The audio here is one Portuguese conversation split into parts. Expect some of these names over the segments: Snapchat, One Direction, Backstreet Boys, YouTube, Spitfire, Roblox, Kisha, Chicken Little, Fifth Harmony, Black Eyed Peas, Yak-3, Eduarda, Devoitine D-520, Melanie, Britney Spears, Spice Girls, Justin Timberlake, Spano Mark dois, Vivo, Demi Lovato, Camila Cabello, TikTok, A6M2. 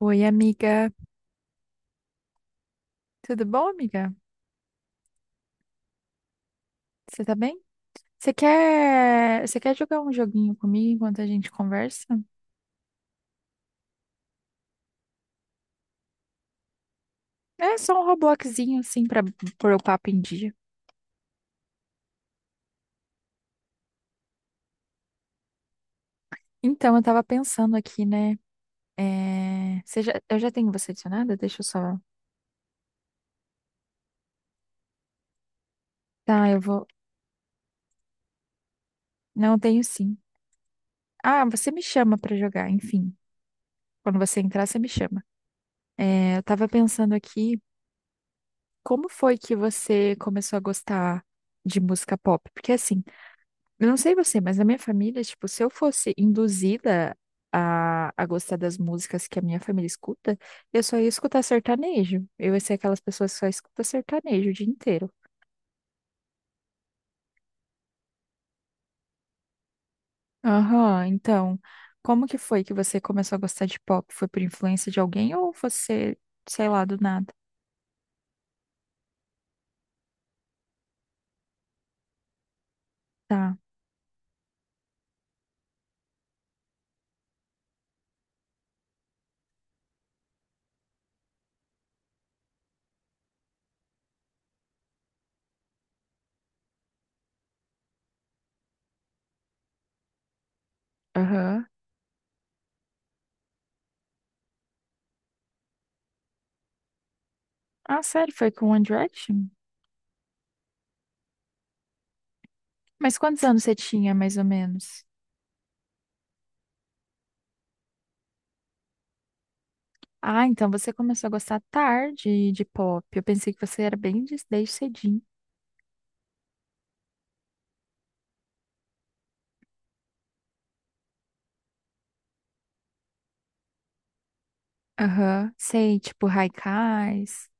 Oi, amiga. Tudo bom, amiga? Você tá bem? Você quer jogar um joguinho comigo enquanto a gente conversa? É só um Robloxzinho, assim, pra pôr o papo em dia. Então, eu tava pensando aqui, né? Você já... Eu já tenho você adicionada? Deixa eu só. Tá, eu vou. Não, eu tenho sim. Ah, você me chama pra jogar, enfim. Quando você entrar, você me chama. É, eu tava pensando aqui, como foi que você começou a gostar de música pop? Porque assim. Eu não sei você, mas na minha família, tipo, se eu fosse induzida a gostar das músicas que a minha família escuta, eu só ia escutar sertanejo. Eu ia ser aquelas pessoas que só escuta sertanejo o dia inteiro. Aham, então, como que foi que você começou a gostar de pop? Foi por influência de alguém ou você, sei lá, do nada? Tá, aham. Ah, sério, foi com One Direction? Mas quantos anos você tinha, mais ou menos? Ah, então você começou a gostar tarde de pop. Eu pensei que você era bem desde cedinho. Aham, sei, tipo Haikais.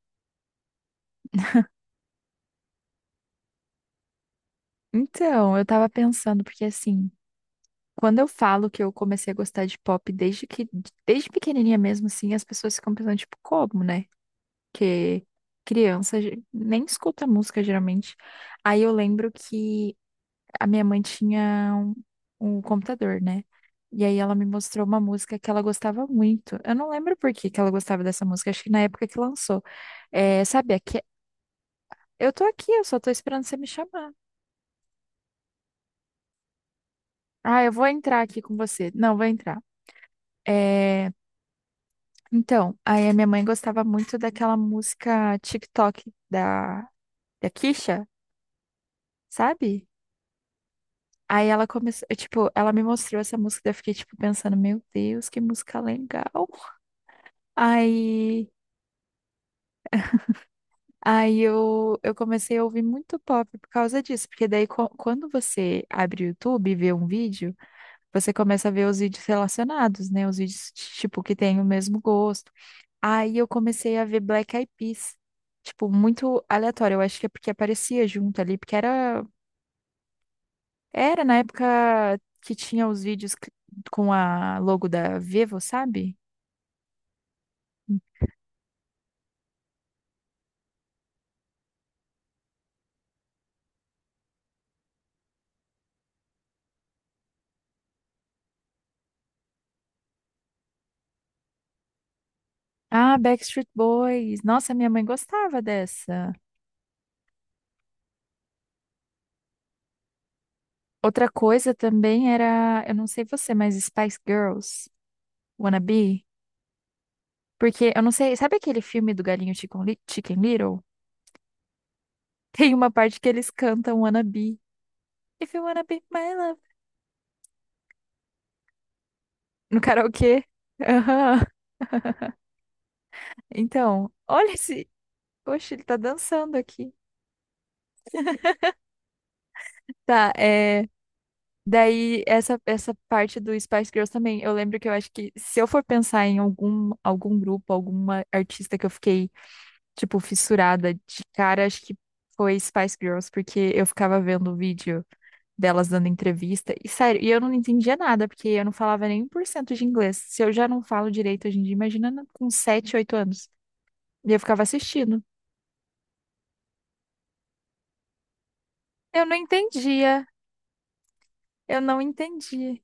Então, eu tava pensando, porque assim, quando eu falo que eu comecei a gostar de pop desde pequenininha mesmo, assim, as pessoas ficam pensando, tipo, como, né? Que criança nem escuta música geralmente. Aí eu lembro que a minha mãe tinha um computador, né? E aí ela me mostrou uma música que ela gostava muito. Eu não lembro por que que ela gostava dessa música, acho que na época que lançou. É, sabe, aqui, eu tô aqui, eu só tô esperando você me chamar. Ah, eu vou entrar aqui com você. Não, vou entrar. É. Então, aí a minha mãe gostava muito daquela música TikTok da Kisha, sabe? Aí ela começou, eu, tipo, ela me mostrou essa música, daí eu fiquei, tipo, pensando, meu Deus, que música legal. Aí, aí eu comecei a ouvir muito pop por causa disso, porque daí quando você abre o YouTube e vê um vídeo, você começa a ver os vídeos relacionados, né? Os vídeos, tipo, que têm o mesmo gosto. Aí eu comecei a ver Black Eyed Peas. Tipo, muito aleatório. Eu acho que é porque aparecia junto ali, porque era na época que tinha os vídeos com a logo da Vivo, sabe? Ah, Backstreet Boys. Nossa, minha mãe gostava dessa. Outra coisa também era, eu não sei você, mas Spice Girls, Wanna Be? Porque eu não sei, sabe aquele filme do Galinho Chicken Little? Tem uma parte que eles cantam Wanna Be. If you wanna be my love. No karaokê. Aham. Então, olha esse. Oxe, ele tá dançando aqui. Tá, é. Daí, essa parte do Spice Girls também. Eu lembro que eu acho que se eu for pensar em algum grupo, alguma artista que eu fiquei, tipo, fissurada de cara, acho que foi Spice Girls, porque eu ficava vendo o vídeo delas dando entrevista. E sério, e eu não entendia nada, porque eu não falava nem 1 por cento de inglês. Se eu já não falo direito hoje em dia, imagina com 7 8 anos. E eu ficava assistindo. Eu não entendia, eu não entendi.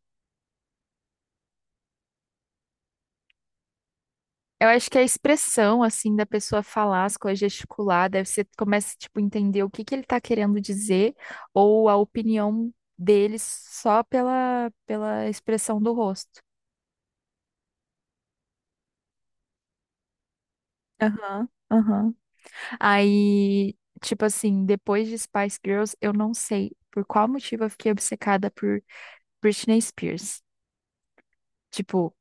Eu acho que a expressão, assim, da pessoa falar as coisas, gesticular, deve ser, começa, tipo, entender o que que ele tá querendo dizer ou a opinião dele só pela expressão do rosto. Aham, aham. Aí, tipo assim, depois de Spice Girls, eu não sei por qual motivo eu fiquei obcecada por Britney Spears. Tipo,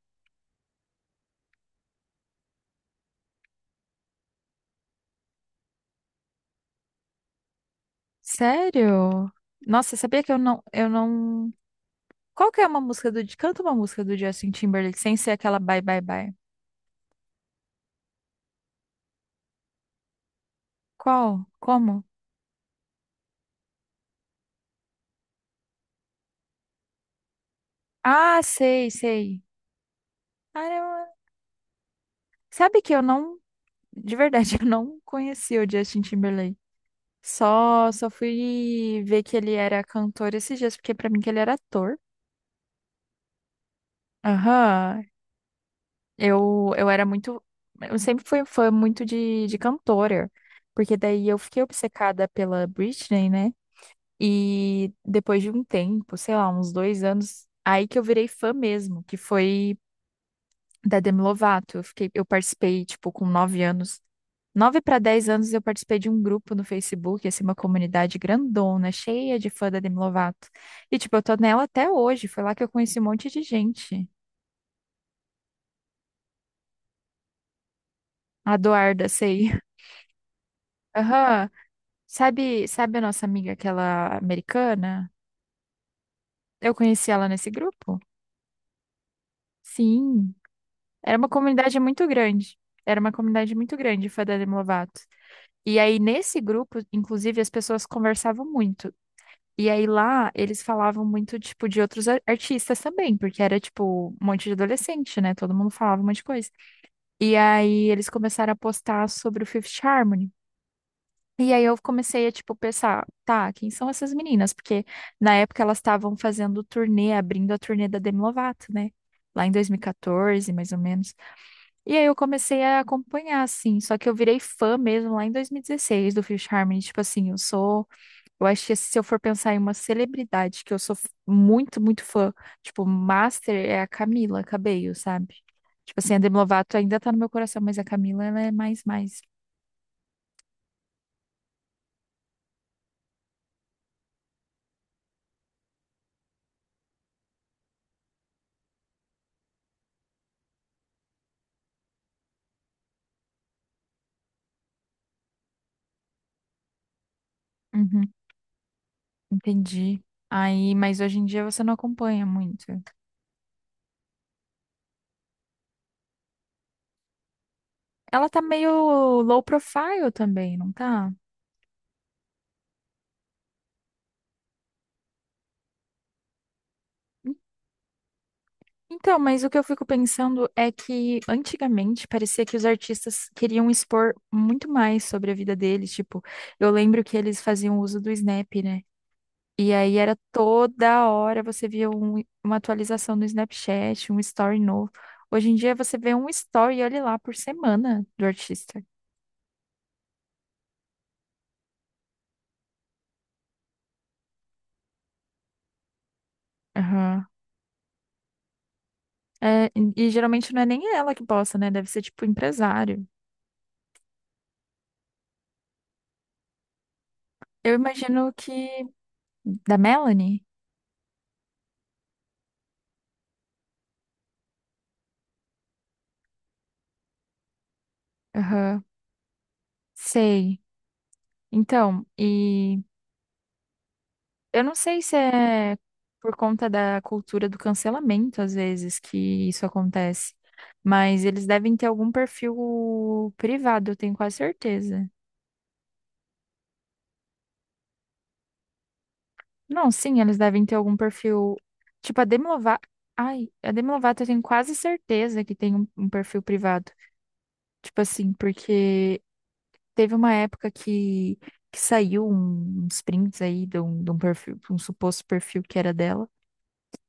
sério? Nossa, sabia que eu não, eu não. Qual que é uma música do. Canta uma música do Justin Timberlake sem ser aquela Bye Bye Bye. Qual? Como? Ah, sei, sei. Ah, eu- Sabe que eu não. De verdade, eu não conhecia o Justin Timberlake. Só fui ver que ele era cantor esses dias, porque pra mim que ele era ator. Aham. Eu era muito. Eu sempre fui fã muito de cantora, porque daí eu fiquei obcecada pela Britney, né? E depois de um tempo, sei lá, uns dois anos, aí que eu virei fã mesmo, que foi da Demi Lovato. Eu fiquei, eu participei, tipo, com 9 anos. 9 para 10 anos eu participei de um grupo no Facebook, assim, uma comunidade grandona, cheia de fã da Demi Lovato. E, tipo, eu tô nela até hoje. Foi lá que eu conheci um monte de gente. A Eduarda, sei. Aham. Sabe, sabe a nossa amiga, aquela americana? Eu conheci ela nesse grupo? Sim. Era uma comunidade muito grande. Era uma comunidade muito grande, foi da Demi Lovato. E aí, nesse grupo, inclusive, as pessoas conversavam muito. E aí lá, eles falavam muito, tipo, de outros artistas também, porque era, tipo, um monte de adolescente, né? Todo mundo falava um monte de coisa. E aí, eles começaram a postar sobre o Fifth Harmony. E aí eu comecei a, tipo, pensar, tá, quem são essas meninas? Porque na época elas estavam fazendo turnê, abrindo a turnê da Demi Lovato, né? Lá em 2014, mais ou menos. E aí eu comecei a acompanhar, assim. Só que eu virei fã mesmo lá em 2016 do Fifth Harmony. Tipo assim, eu sou... Eu acho que se eu for pensar em uma celebridade que eu sou muito, muito fã, tipo, master é a Camila Cabello, sabe? Tipo assim, a Demi Lovato ainda tá no meu coração, mas a Camila, ela é mais. Uhum, entendi. Aí, mas hoje em dia você não acompanha muito. Ela tá meio low profile também, não tá? En- Então, mas o que eu fico pensando é que antigamente parecia que os artistas queriam expor muito mais sobre a vida deles. Tipo, eu lembro que eles faziam uso do Snap, né? E aí era toda hora você via uma atualização no Snapchat, um story novo. Hoje em dia você vê um story, olha lá, por semana do artista. Aham. É, e geralmente não é nem ela que posta, né? Deve ser tipo empresário. Eu imagino que. Da Melanie? Aham. Sei. Então, e. Eu não sei se é por conta da cultura do cancelamento, às vezes, que isso acontece. Mas eles devem ter algum perfil privado, eu tenho quase certeza. Não, sim, eles devem ter algum perfil. Tipo, a Demi Lovato. Ai, a Demi Lovato eu tenho quase certeza que tem um perfil privado. Tipo assim, porque teve que saiu uns prints aí de um perfil, um suposto perfil que era dela.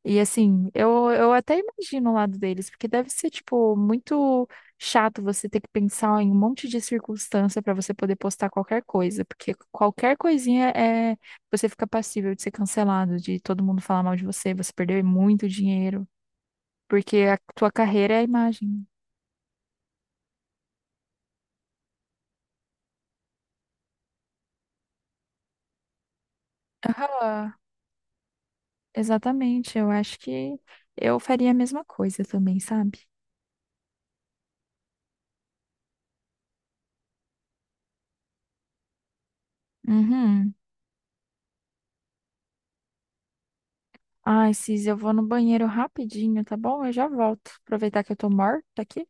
E assim, eu até imagino o lado deles, porque deve ser, tipo, muito chato você ter que pensar em um monte de circunstância para você poder postar qualquer coisa, porque qualquer coisinha é você fica passível de ser cancelado, de todo mundo falar mal de você, você perder muito dinheiro, porque a tua carreira é a imagem. Aham, exatamente. Eu acho que eu faria a mesma coisa também, sabe? Uhum. Ai, Cis, eu vou no banheiro rapidinho, tá bom? Eu já volto. Aproveitar que eu tô morta aqui.